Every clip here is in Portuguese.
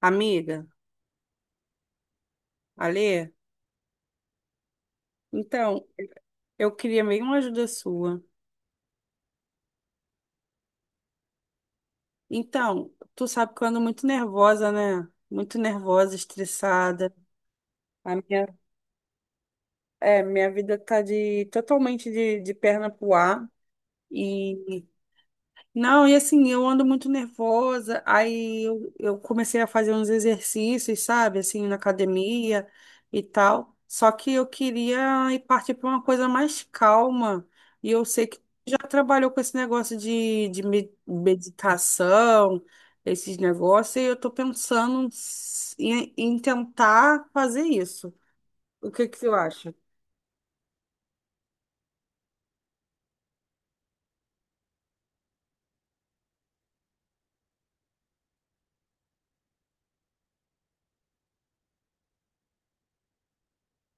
Amiga, Alê, então, eu queria meio uma ajuda sua. Então, tu sabe que eu ando muito nervosa, né? Muito nervosa, estressada. A minha, minha vida tá totalmente de perna pro ar. E Não, e assim, eu ando muito nervosa, aí eu comecei a fazer uns exercícios, sabe, assim, na academia e tal. Só que eu queria ir partir para uma coisa mais calma. E eu sei que já trabalhou com esse negócio de meditação, esses negócios, e eu tô pensando em tentar fazer isso. O que que você acha?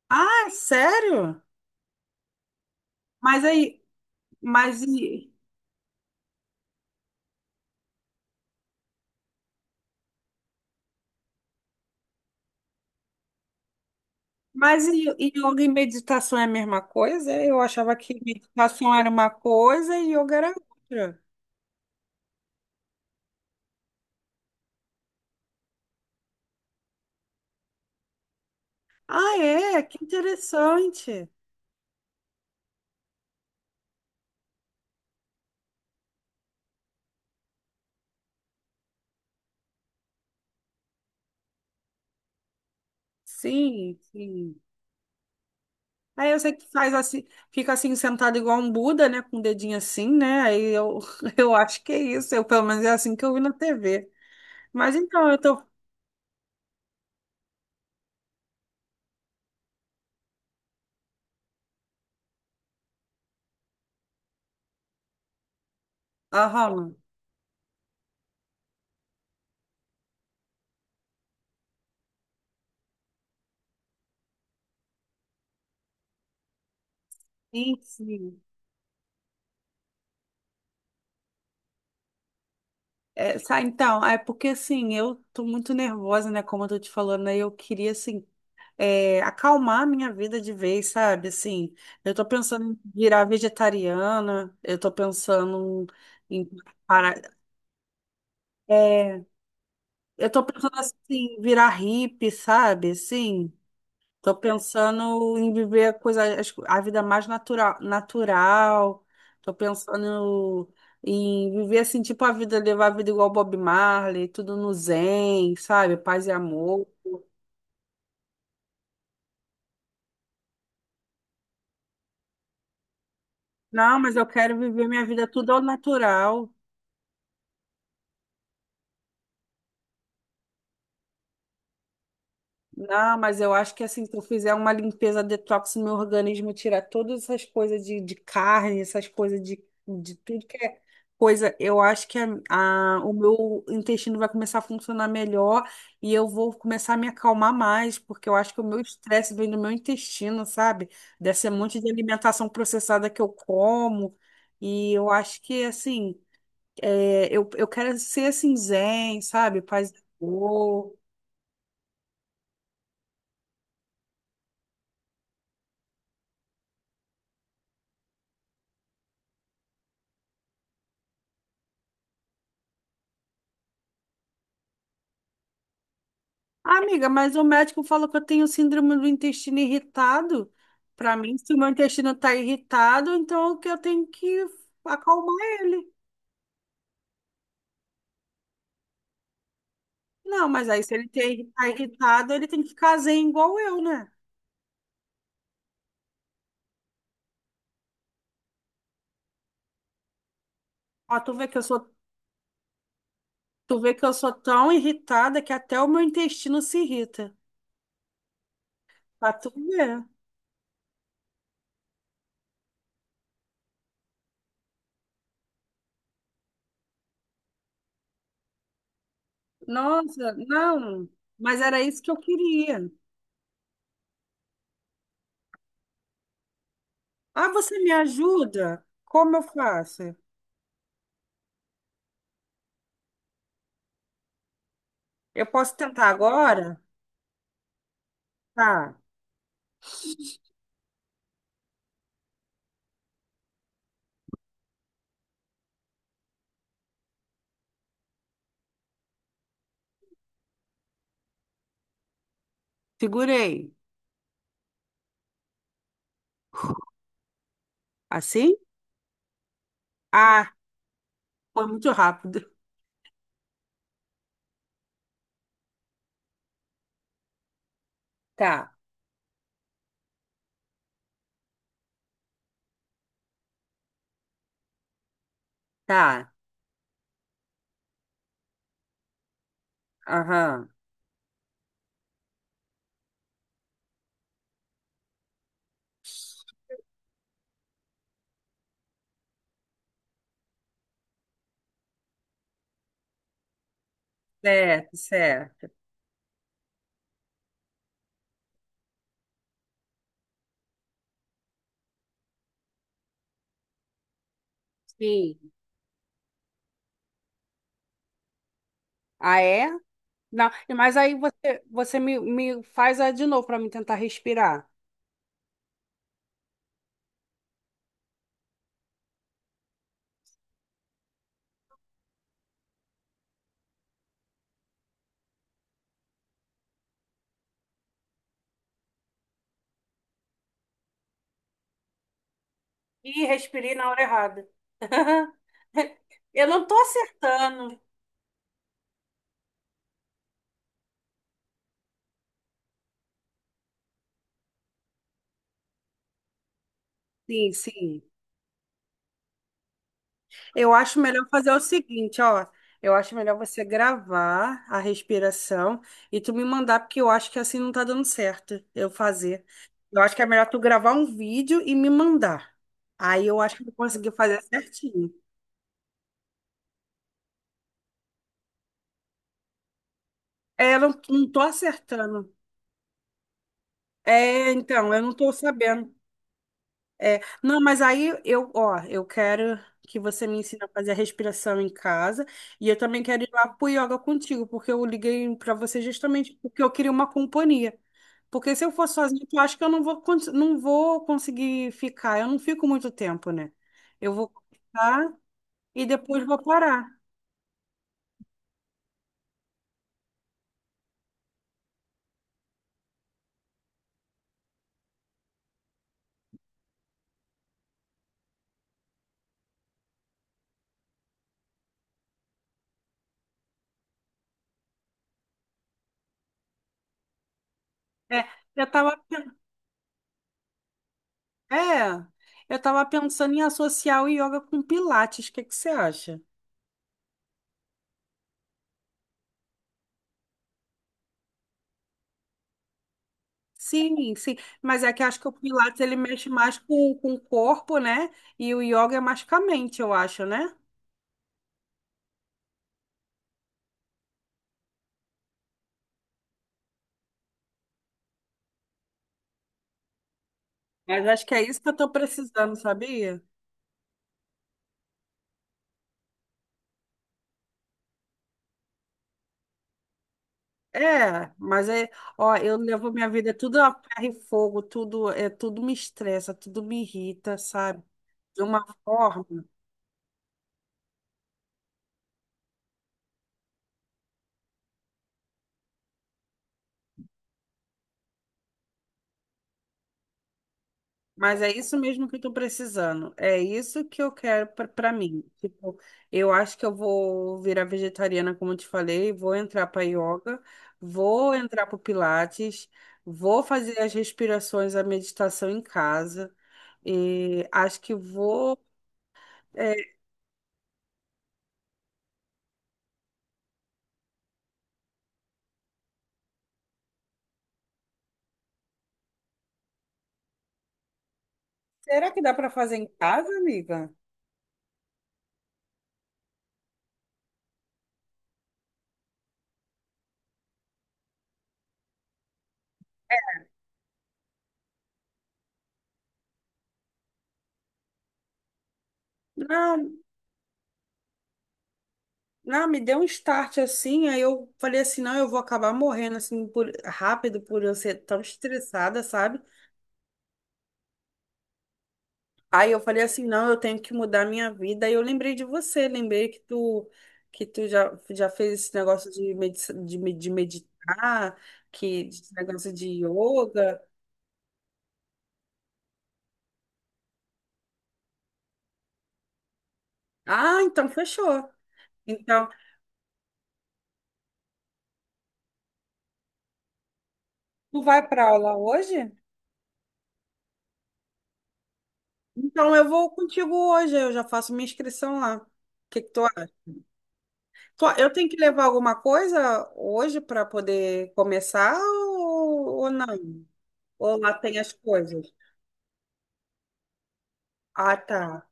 Ah, é sério? Mas aí, mas e- Mas e yoga e meditação é a mesma coisa? Eu achava que meditação era uma coisa e yoga era outra. Ah, é? Que interessante. Sim, sim. Aí eu sei que faz assim, fica assim sentado igual um Buda, né? Com o dedinho assim, né? Aí eu, eu acho que é isso. Eu, pelo menos é assim que eu vi na TV. Mas então eu tô. Aham. Sim, sim. Então, é porque assim, eu tô muito nervosa, né? Como eu tô te falando, aí eu queria assim é, acalmar a minha vida de vez, sabe? Assim, eu tô pensando em virar vegetariana, eu tô pensando em parar, é, eu tô pensando assim, virar hippie, sabe? Assim, tô pensando em viver a coisa, as co- a vida mais natural, natural. Tô pensando em viver assim, tipo a vida, levar a vida igual Bob Marley, tudo no zen, sabe? Paz e amor. Não, mas eu quero viver minha vida tudo ao natural. Não, mas eu acho que assim, se eu fizer uma limpeza detox no meu organismo, tirar todas essas coisas de carne, essas coisas de tudo que é coisa, eu acho que o meu intestino vai começar a funcionar melhor e eu vou começar a me acalmar mais, porque eu acho que o meu estresse vem do meu intestino, sabe? Desse monte de alimentação processada que eu como. E eu acho que assim, é, eu quero ser assim, zen, sabe? Paz e amor. Amiga, mas o médico falou que eu tenho síndrome do intestino irritado. Para mim, se o meu intestino está irritado, então o que eu tenho que acalmar ele. Não, mas aí se ele está irritado, ele tem que ficar zen igual eu, né? Ó, tu vê que eu sou, tu vê que eu sou tão irritada que até o meu intestino se irrita. Pra tu ver. Nossa, não. Mas era isso que eu queria. Ah, você me ajuda? Como eu faço? Eu posso tentar agora? Tá, segurei. Assim? Ah, foi muito rápido. Tá, tá. Aham. Certo, certo. Sim. Ah, é? Não, mas aí você, você me faz a de novo para me tentar respirar. Ih, respirei na hora errada. Eu não tô acertando. Sim, sim. Eu acho melhor fazer o seguinte, ó. Eu acho melhor você gravar a respiração e tu me mandar, porque eu acho que assim não tá dando certo eu fazer. Eu acho que é melhor tu gravar um vídeo e me mandar. Aí eu acho que eu vou conseguir fazer certinho. Eu não tô acertando. É, então, eu não tô sabendo. É, não, mas aí eu, ó, eu quero que você me ensine a fazer a respiração em casa e eu também quero ir lá pro yoga contigo, porque eu liguei para você justamente porque eu queria uma companhia. Porque se eu for sozinha, eu acho que eu não não vou conseguir ficar. Eu não fico muito tempo, né? Eu vou ficar e depois vou parar. É, eu tava, pen- é, eu tava pensando em associar o yoga com pilates. O que que você acha? Sim, sim. Mas é que acho que o Pilates ele mexe mais com o corpo, né? E o yoga é mais com a mente, eu acho, né? Mas acho que é isso que eu tô precisando, sabia? É, mas é, ó, eu levo minha vida tudo a ferro e fogo, tudo é, tudo me estressa, tudo me irrita, sabe? De uma forma Mas é isso mesmo que eu tô precisando. É isso que eu quero pra pra mim. Tipo, eu acho que eu vou virar vegetariana, como eu te falei, vou entrar para yoga, vou entrar para pilates, vou fazer as respirações, a meditação em casa. E acho que vou. é, Será que dá para fazer em casa, amiga? Não, não, me deu um start assim, aí eu falei assim, não, eu vou acabar morrendo assim por, rápido por eu ser tão estressada, sabe? Aí eu falei assim, não, eu tenho que mudar minha vida. Aí eu lembrei de você, lembrei que tu já, já fez esse negócio de meditar, que esse negócio de yoga. Ah, então fechou. Então, tu vai para aula hoje? Então eu vou contigo hoje, eu já faço minha inscrição lá. O que que tu acha? Eu tenho que levar alguma coisa hoje para poder começar ou não? Ou lá tem as coisas? Ah, tá.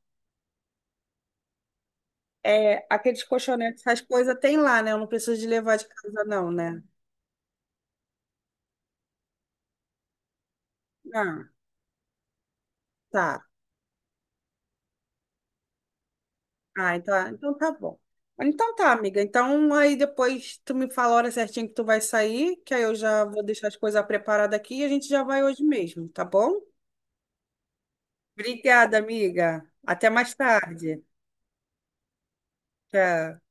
É, aqueles colchonetes, essas coisas tem lá, né? Eu não preciso de levar de casa, não, né? Ah, tá. Ah, então tá bom. Então tá, amiga. Então aí depois tu me fala a hora certinha que tu vai sair, que aí eu já vou deixar as coisas preparadas aqui e a gente já vai hoje mesmo, tá bom? Obrigada, amiga. Até mais tarde. Tchau.